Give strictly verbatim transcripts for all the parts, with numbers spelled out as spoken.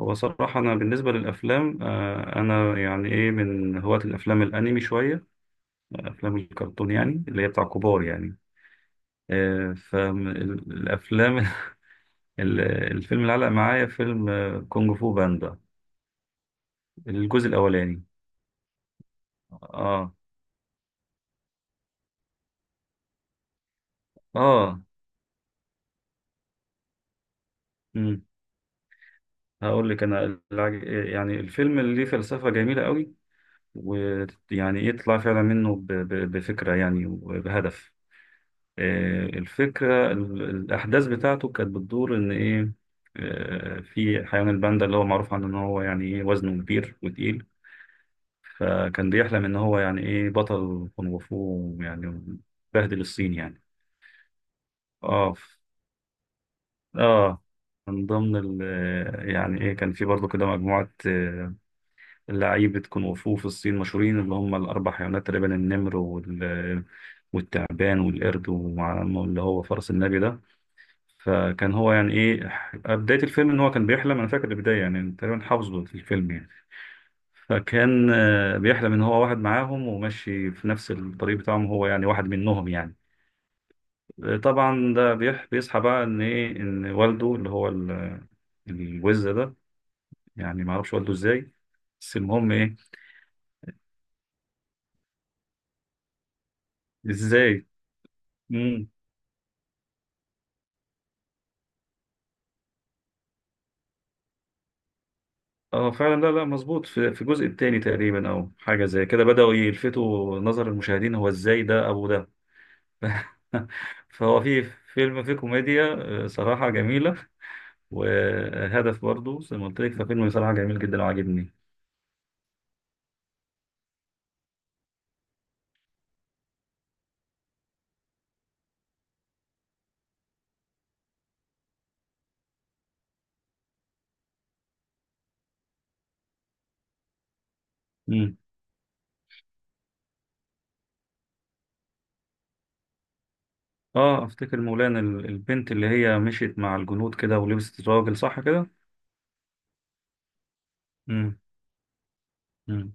هو صراحة أنا بالنسبة للأفلام، آه، أنا يعني إيه من هواة الأفلام الأنمي، شوية أفلام الكرتون يعني اللي هي بتاع كبار يعني. آه، فالأفلام ال- الفيلم اللي علق معايا فيلم آه، كونج فو باندا، الجزء الأولاني. آه آه مم. هقول لك أنا الع- يعني الفيلم اللي ليه فلسفة جميلة قوي، ويعني يطلع فعلا منه ب- ب- بفكرة يعني وبهدف. آه، الفكرة ال- الأحداث بتاعته كانت بتدور إن إيه. آه، في حيوان الباندا اللي هو معروف عنه إن هو يعني إيه وزنه كبير وتقيل، فكان بيحلم إن هو يعني إيه بطل كونغ فو يعني، بهدل الصين يعني. آه ف- آه من ضمن ال آه، يعني إيه كان في برضه كده مجموعة آه، لعيبة كونغ فو في الصين مشهورين، اللي هم الأربع حيوانات تقريبا: النمر وال والتعبان والقرد ومع- اللي هو فرس النبي ده. فكان هو يعني ايه، آه، بداية الفيلم ان هو كان بيحلم، انا فاكر البداية يعني تقريبا حافظه في الفيلم يعني. فكان آه، بيحلم ان هو واحد معاهم وماشي في نفس الطريق بتاعهم، هو يعني واحد منهم يعني. آه، طبعا ده بيح- بيصحى بقى ان ايه، ان والده اللي هو ال- الوز ده، يعني ما اعرفش والده ازاي، بس المهم ايه. ازاي؟ مم. اه فعلا، لا لا مظبوط، في في الجزء الثاني تقريبا او حاجه زي كده بداوا يلفتوا نظر المشاهدين هو ازاي ده ابو ده. فهو في فيلم فيه كوميديا آه، صراحة جميلة، وهدف برضو زي ما قلت لك، ففيلم صراحة جميل جدا وعجبني. مم. اه افتكر مولانا ال- البنت اللي هي مشيت مع الجنود كده ولبست الراجل، صح كده؟ مم. مم.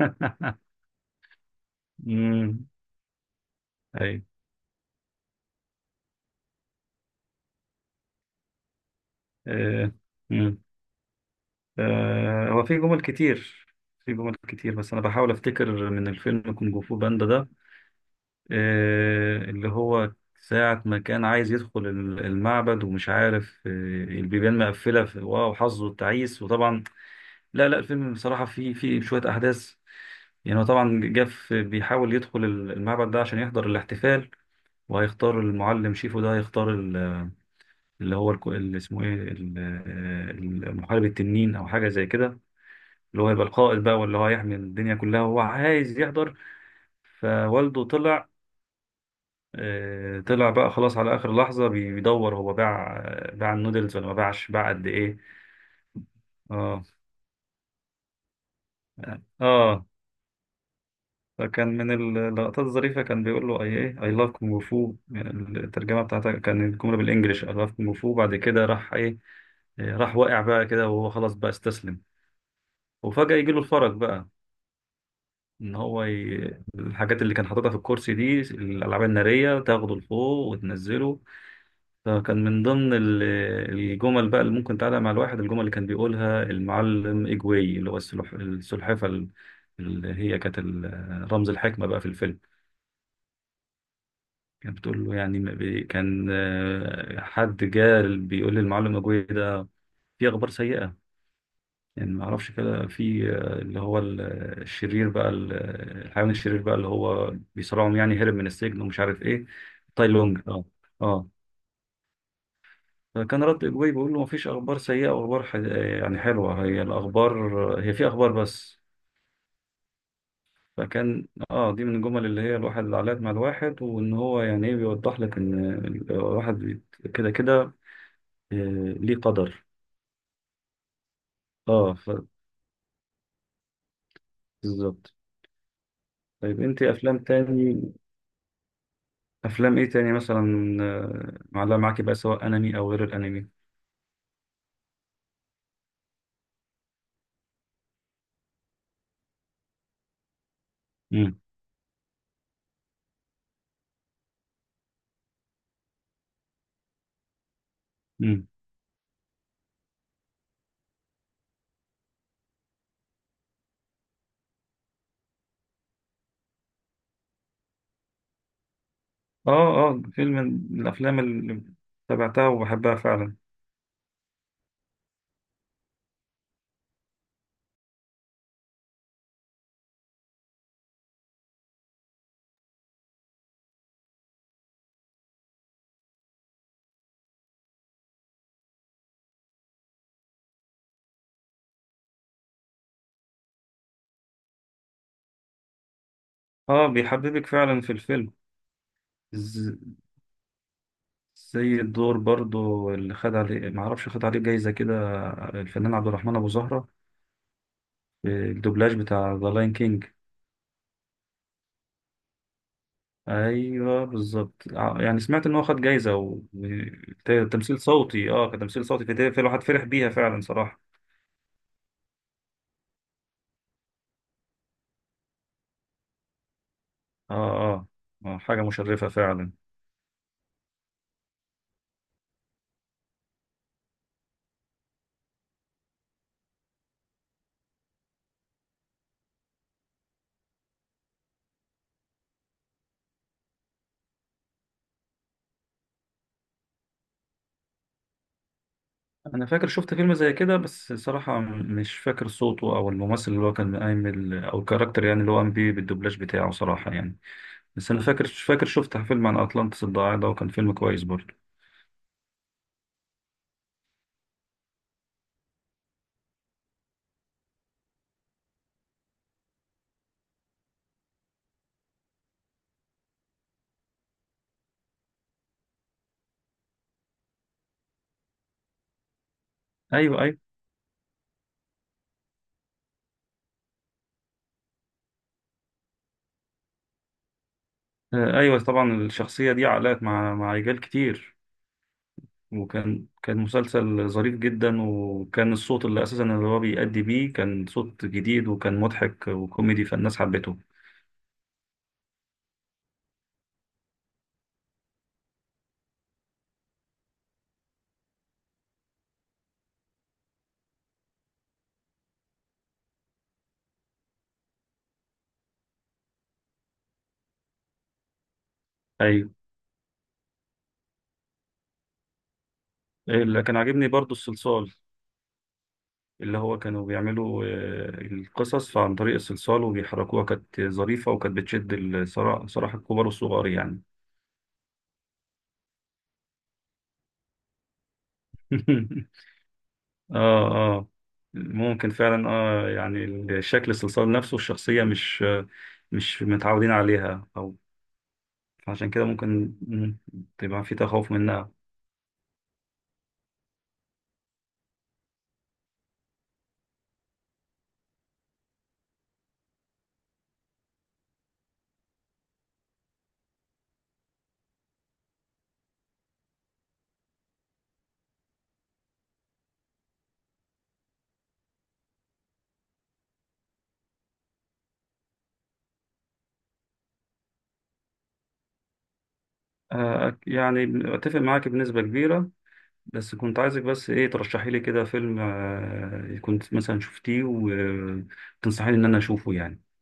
امم اي. آه. مم. آه. هو في جمل كتير، في جمل كتير، بس انا بحاول افتكر من الفيلم كونج فو باندا ده. آه، اللي هو ساعة ما كان عايز يدخل ال- المعبد ومش عارف آه، البيبان مقفلة في- واو حظه التعيس، وطبعا لا لا الفيلم بصراحة فيه فيه شوية أحداث. يعني هو طبعا جاف بيحاول يدخل ال- المعبد ده عشان يحضر الاحتفال، وهيختار المعلم شيفو، ده هيختار ال- اللي هو الك- اللي اسمه ايه ال- آه، المحارب التنين او حاجة زي كده، اللي هو هيبقى القائد بقى، واللي هو هيحمي الدنيا كلها، وهو عايز يحضر. فوالده طلع آه، طلع بقى خلاص على آخر لحظة، بي- بيدور هو باع آه، باع النودلز ولا ما باعش، باع قد إيه. اه، اه. فكان من اللقطات الظريفة كان بيقول له اي ايه اي لاف كونغ فو، الترجمة بتاعتها كان الجملة بالانجلش اي لاف كونغ فو. بعد كده راح ايه، إيه، راح واقع بقى كده وهو خلاص بقى استسلم، وفجأة يجي له الفرج بقى ان هو ي... الحاجات اللي كان حاططها في الكرسي دي الالعاب النارية تاخده لفوق وتنزله. فكان من ضمن ال- الجمل بقى اللي ممكن تعلق مع الواحد، الجمل اللي كان بيقولها المعلم إجوي، اللي هو السلح- السلحفة ال- اللي هي كانت ال- رمز الحكمة بقى في الفيلم. كانت بتقول له يعني ما بي- كان آه، حد جه بيقول للمعلم إجوي ده في أخبار سيئة، يعني ما اعرفش كده في آه، اللي هو ال- الشرير بقى ال- الحيوان الشرير بقى اللي هو بيصارعهم يعني، هرب من السجن ومش عارف ايه، تاي لونج. اه، اه. فكان رد إجوبي بيقول له مفيش أخبار سيئة وأخبار ح... يعني حلوة، هي الأخبار هي في أخبار بس. فكان آه دي من الجمل اللي هي الواحد اللي علقت مع الواحد، وإن هو يعني إيه بيوضح لك إن الواحد بيت- كده كده، آه، ليه قدر. آه ف... بالظبط. طيب أنت أفلام تاني، أفلام إيه تاني مثلا آه، معلقة معاكي بقى، سواء أنمي أو غير الأنمي؟ مم. مم. آه آه فيلم من الأفلام اللي تابعتها وبحبها فعلا. آه بيحببك فعلا في الفيلم. زي الدور برضو اللي خد عليه ما اعرفش خد عليه جايزة كده، الفنان عبد الرحمن ابو زهرة، الدوبلاج بتاع ذا لاين كينج. ايوه بالظبط، ع- يعني سمعت ان هو خد جايزة و- وتمثيل صوتي، اه كتمثيل صوتي في في الواحد فرح بيها فعلا صراحة. اه، اه. آه، حاجة مشرفة فعلا. انا فاكر شفت فيلم زي كده، بس صراحة م- مش فاكر صوته او الممثل اللي هو كان قايم ال- او الكاركتر يعني اللي هو قام بيه بالدوبلاج بتاعه صراحة يعني. بس انا فاكر فاكر شفت فيلم عن اطلانتس الضايع ده، وكان فيلم كويس برضه. ايوه، ايوه. آه، ايوه طبعا الشخصيه دي علقت مع مع رجال كتير. وكان كان مسلسل ظريف جدا، وكان الصوت اللي اساسا اللي هو بيأدي بيه كان صوت جديد وكان مضحك وكوميدي، فالناس حبته. ايوه. آه، اللي كان عاجبني برضو الصلصال، اللي هو كانوا بيعملوا آه، القصص عن طريق الصلصال وبيحركوها، كانت ظريفه وكانت بتشد الصراحه صراحه الكبار والصغار يعني. اه، اه. ممكن فعلا اه، يعني شكل الصلصال نفسه، الشخصية مش مش متعودين عليها، او عشان كده ممكن مم، تبقى في تخوف منها. آه يعني اتفق معاك بنسبة كبيرة. بس كنت عايزك بس ايه ترشحي لي كده فيلم آه كنت مثلا شفتيه وتنصحيني ان انا اشوفه يعني.